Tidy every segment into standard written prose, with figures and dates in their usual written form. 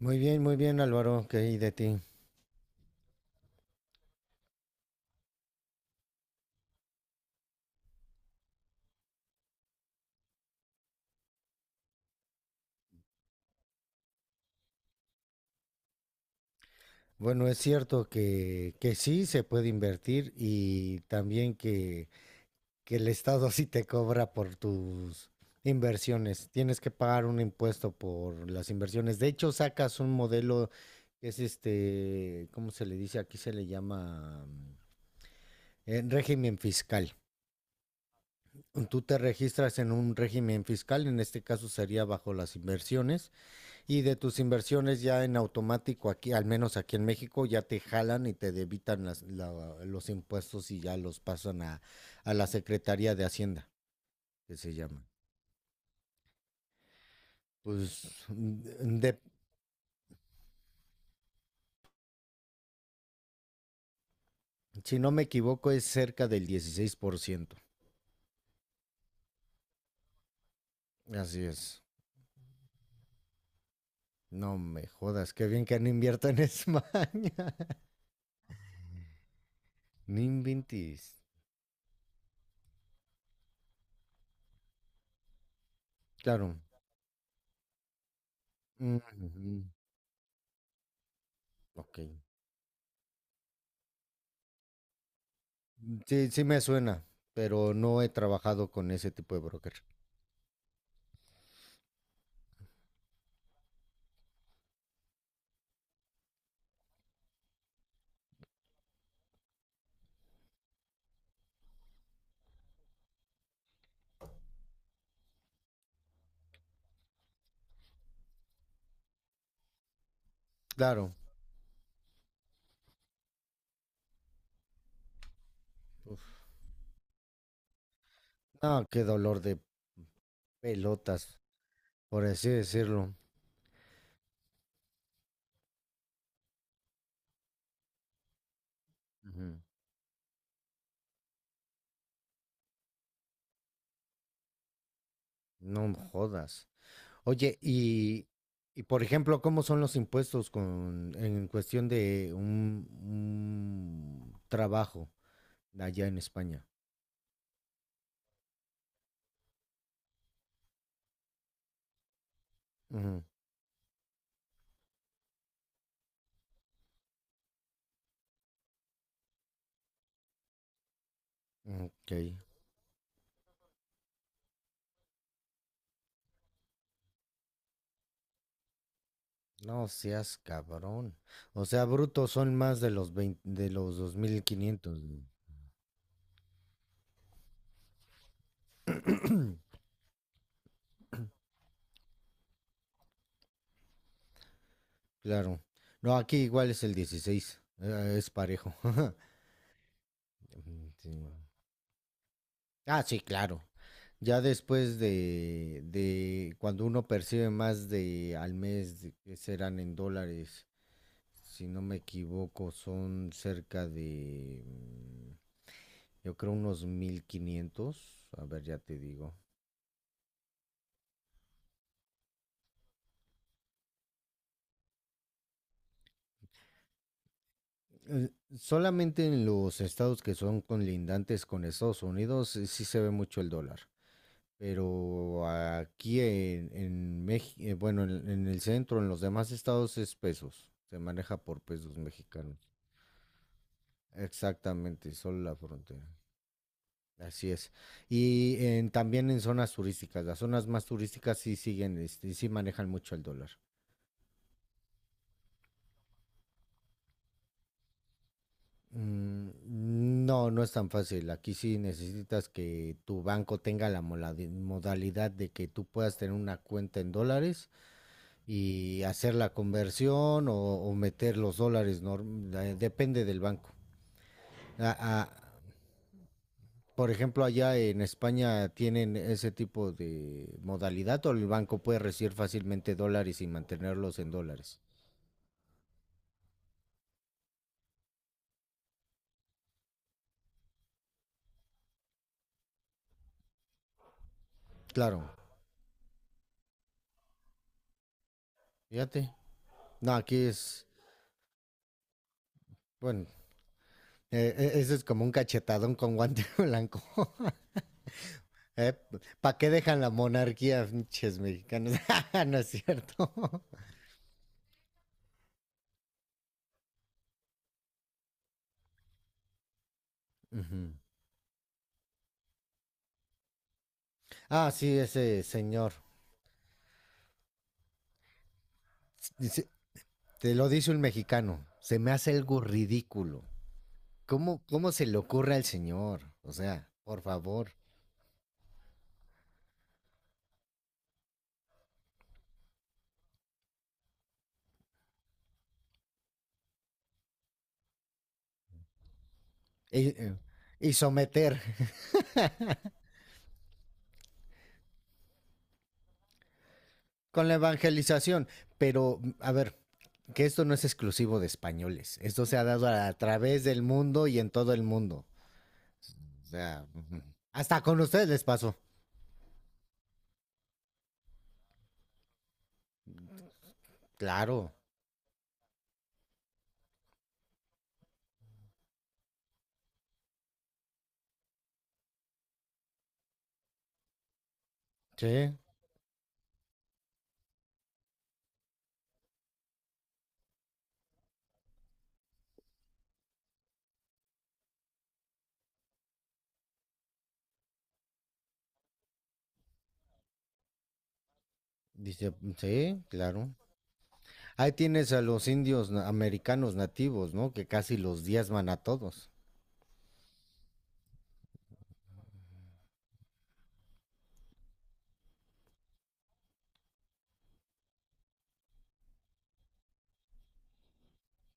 Muy bien, Álvaro, ¿qué hay de ti? Bueno, es cierto que, sí se puede invertir y también que, el Estado sí te cobra por tus inversiones. Tienes que pagar un impuesto por las inversiones. De hecho, sacas un modelo que es este, ¿cómo se le dice? Aquí se le llama régimen fiscal. Tú te registras en un régimen fiscal, en este caso sería bajo las inversiones. Y de tus inversiones ya en automático aquí, al menos aquí en México, ya te jalan y te debitan los impuestos y ya los pasan a, la Secretaría de Hacienda, que se llama. Pues, si no me equivoco, es cerca del dieciséis por ciento. Así es. No me jodas, qué bien que no invierto en España. No inventes. Claro. Ujú. Ok. Sí, sí me suena, pero no he trabajado con ese tipo de broker. Claro. No, qué dolor de pelotas, por así decirlo. Ujú. No jodas. Oye, y por ejemplo, ¿cómo son los impuestos con, en cuestión de un, trabajo allá en España? Ujú. Ok. No seas cabrón. O sea, brutos son más de los 20, de los 2.500, güey. Claro. No, aquí igual es el 16. Es parejo. Mm, sí, güey. Ah, sí, claro. Ya después de, cuando uno percibe más de al mes, que serán en dólares, si no me equivoco, son cerca de, yo creo unos mil quinientos. A ver, ya te digo. Eh, Solamente en los estados que son conlindantes con Estados Unidos, sí se ve mucho el dólar. Pero aquí en, México, bueno, en el centro, en los demás estados es pesos. Se maneja por pesos mexicanos. Exactamente, solo la frontera. Así es. Y también en zonas turísticas, las zonas más turísticas sí siguen, este, sí manejan mucho el dólar. Mm. No, no es tan fácil. Aquí sí necesitas que tu banco tenga la modalidad de que tú puedas tener una cuenta en dólares y hacer la conversión o, meter los dólares. Depende del banco. Ah, ah, Por ejemplo, allá en España tienen ese tipo de modalidad o el banco puede recibir fácilmente dólares y mantenerlos en dólares. Claro, fíjate. No, aquí es, bueno, eso es como un cachetadón con guante blanco. ¿Eh? ¿Para qué dejan la monarquía, pinches mexicanos? No es cierto. Ujú. Ah, sí, ese señor. Dice- Te lo dice un mexicano. Se me hace algo ridículo. ¿Cómo, se le ocurre al señor? O sea, por favor. y, eh, y someter. Con la evangelización. Pero, a ver, que esto no es exclusivo de españoles. Esto se ha dado a través del mundo y en todo el mundo. O sea, hasta con ustedes les pasó. Claro, sí. Sí, claro. Ahí tienes a los indios americanos nativos, ¿no? Que casi los diezman a todos.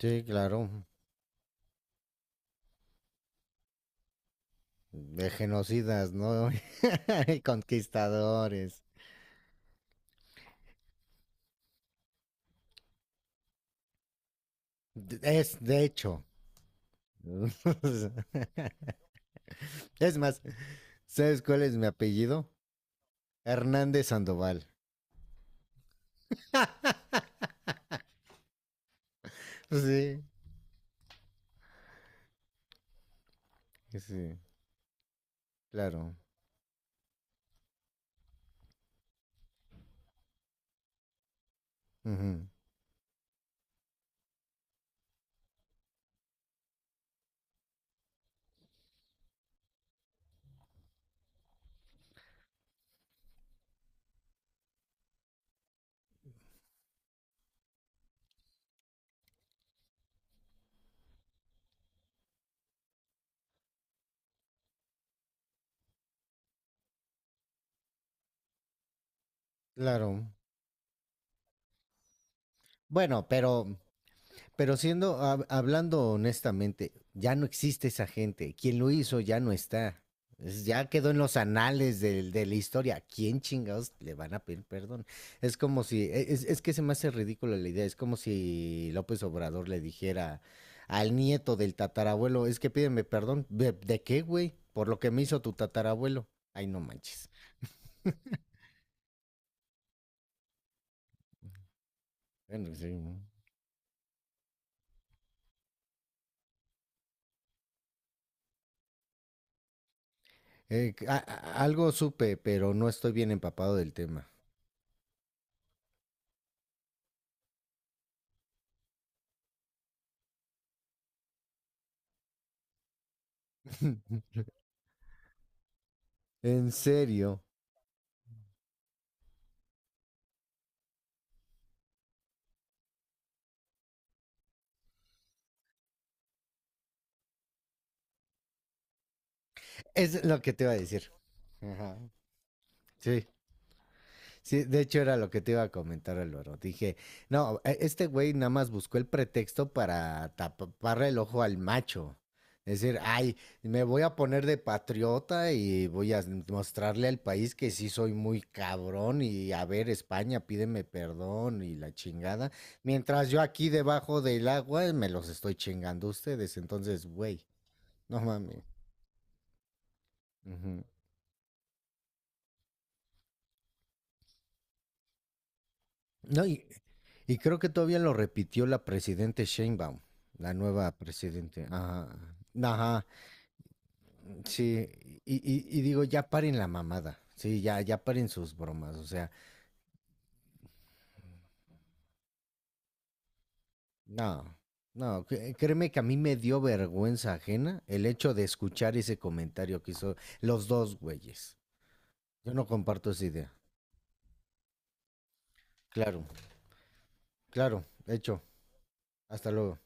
Sí, claro. De genocidas, ¿no? Conquistadores. Es, de hecho. Es más, ¿sabes cuál es mi apellido? Hernández Sandoval. Sí. Sí, claro. Ujú. Claro. Bueno, hablando honestamente, ya no existe esa gente. Quien lo hizo ya no está. Ya quedó en los anales de la historia. ¿A quién chingados le van a pedir perdón? Es como si, es que se me hace ridícula la idea. Es como si López Obrador le dijera al nieto del tatarabuelo: es que pídeme perdón. ¿De qué, güey? Por lo que me hizo tu tatarabuelo. Ay, no manches. Bueno, sí, ¿no? Algo supe, pero no estoy bien empapado del tema. En serio. Es lo que te iba a decir. Ajá. Sí, sí, de hecho era lo que te iba a comentar el oro. Dije, no, este güey nada más buscó el pretexto para taparle el ojo al macho. Es decir, ay, me voy a poner de patriota y voy a mostrarle al país que sí soy muy cabrón y, a ver, España, pídeme perdón y la chingada. Mientras yo aquí debajo del agua me los estoy chingando a ustedes. Entonces, güey, no mames. No, y creo que todavía lo repitió la presidente Sheinbaum, la nueva presidente. Ajá, ajá, sí. Y digo, ya paren la mamada. Sí, ya, ya paren sus bromas. O sea, no, no, créeme que a mí me dio vergüenza ajena el hecho de escuchar ese comentario que hizo los dos güeyes. Yo no comparto esa idea. Claro, claro, hecho. Hasta luego.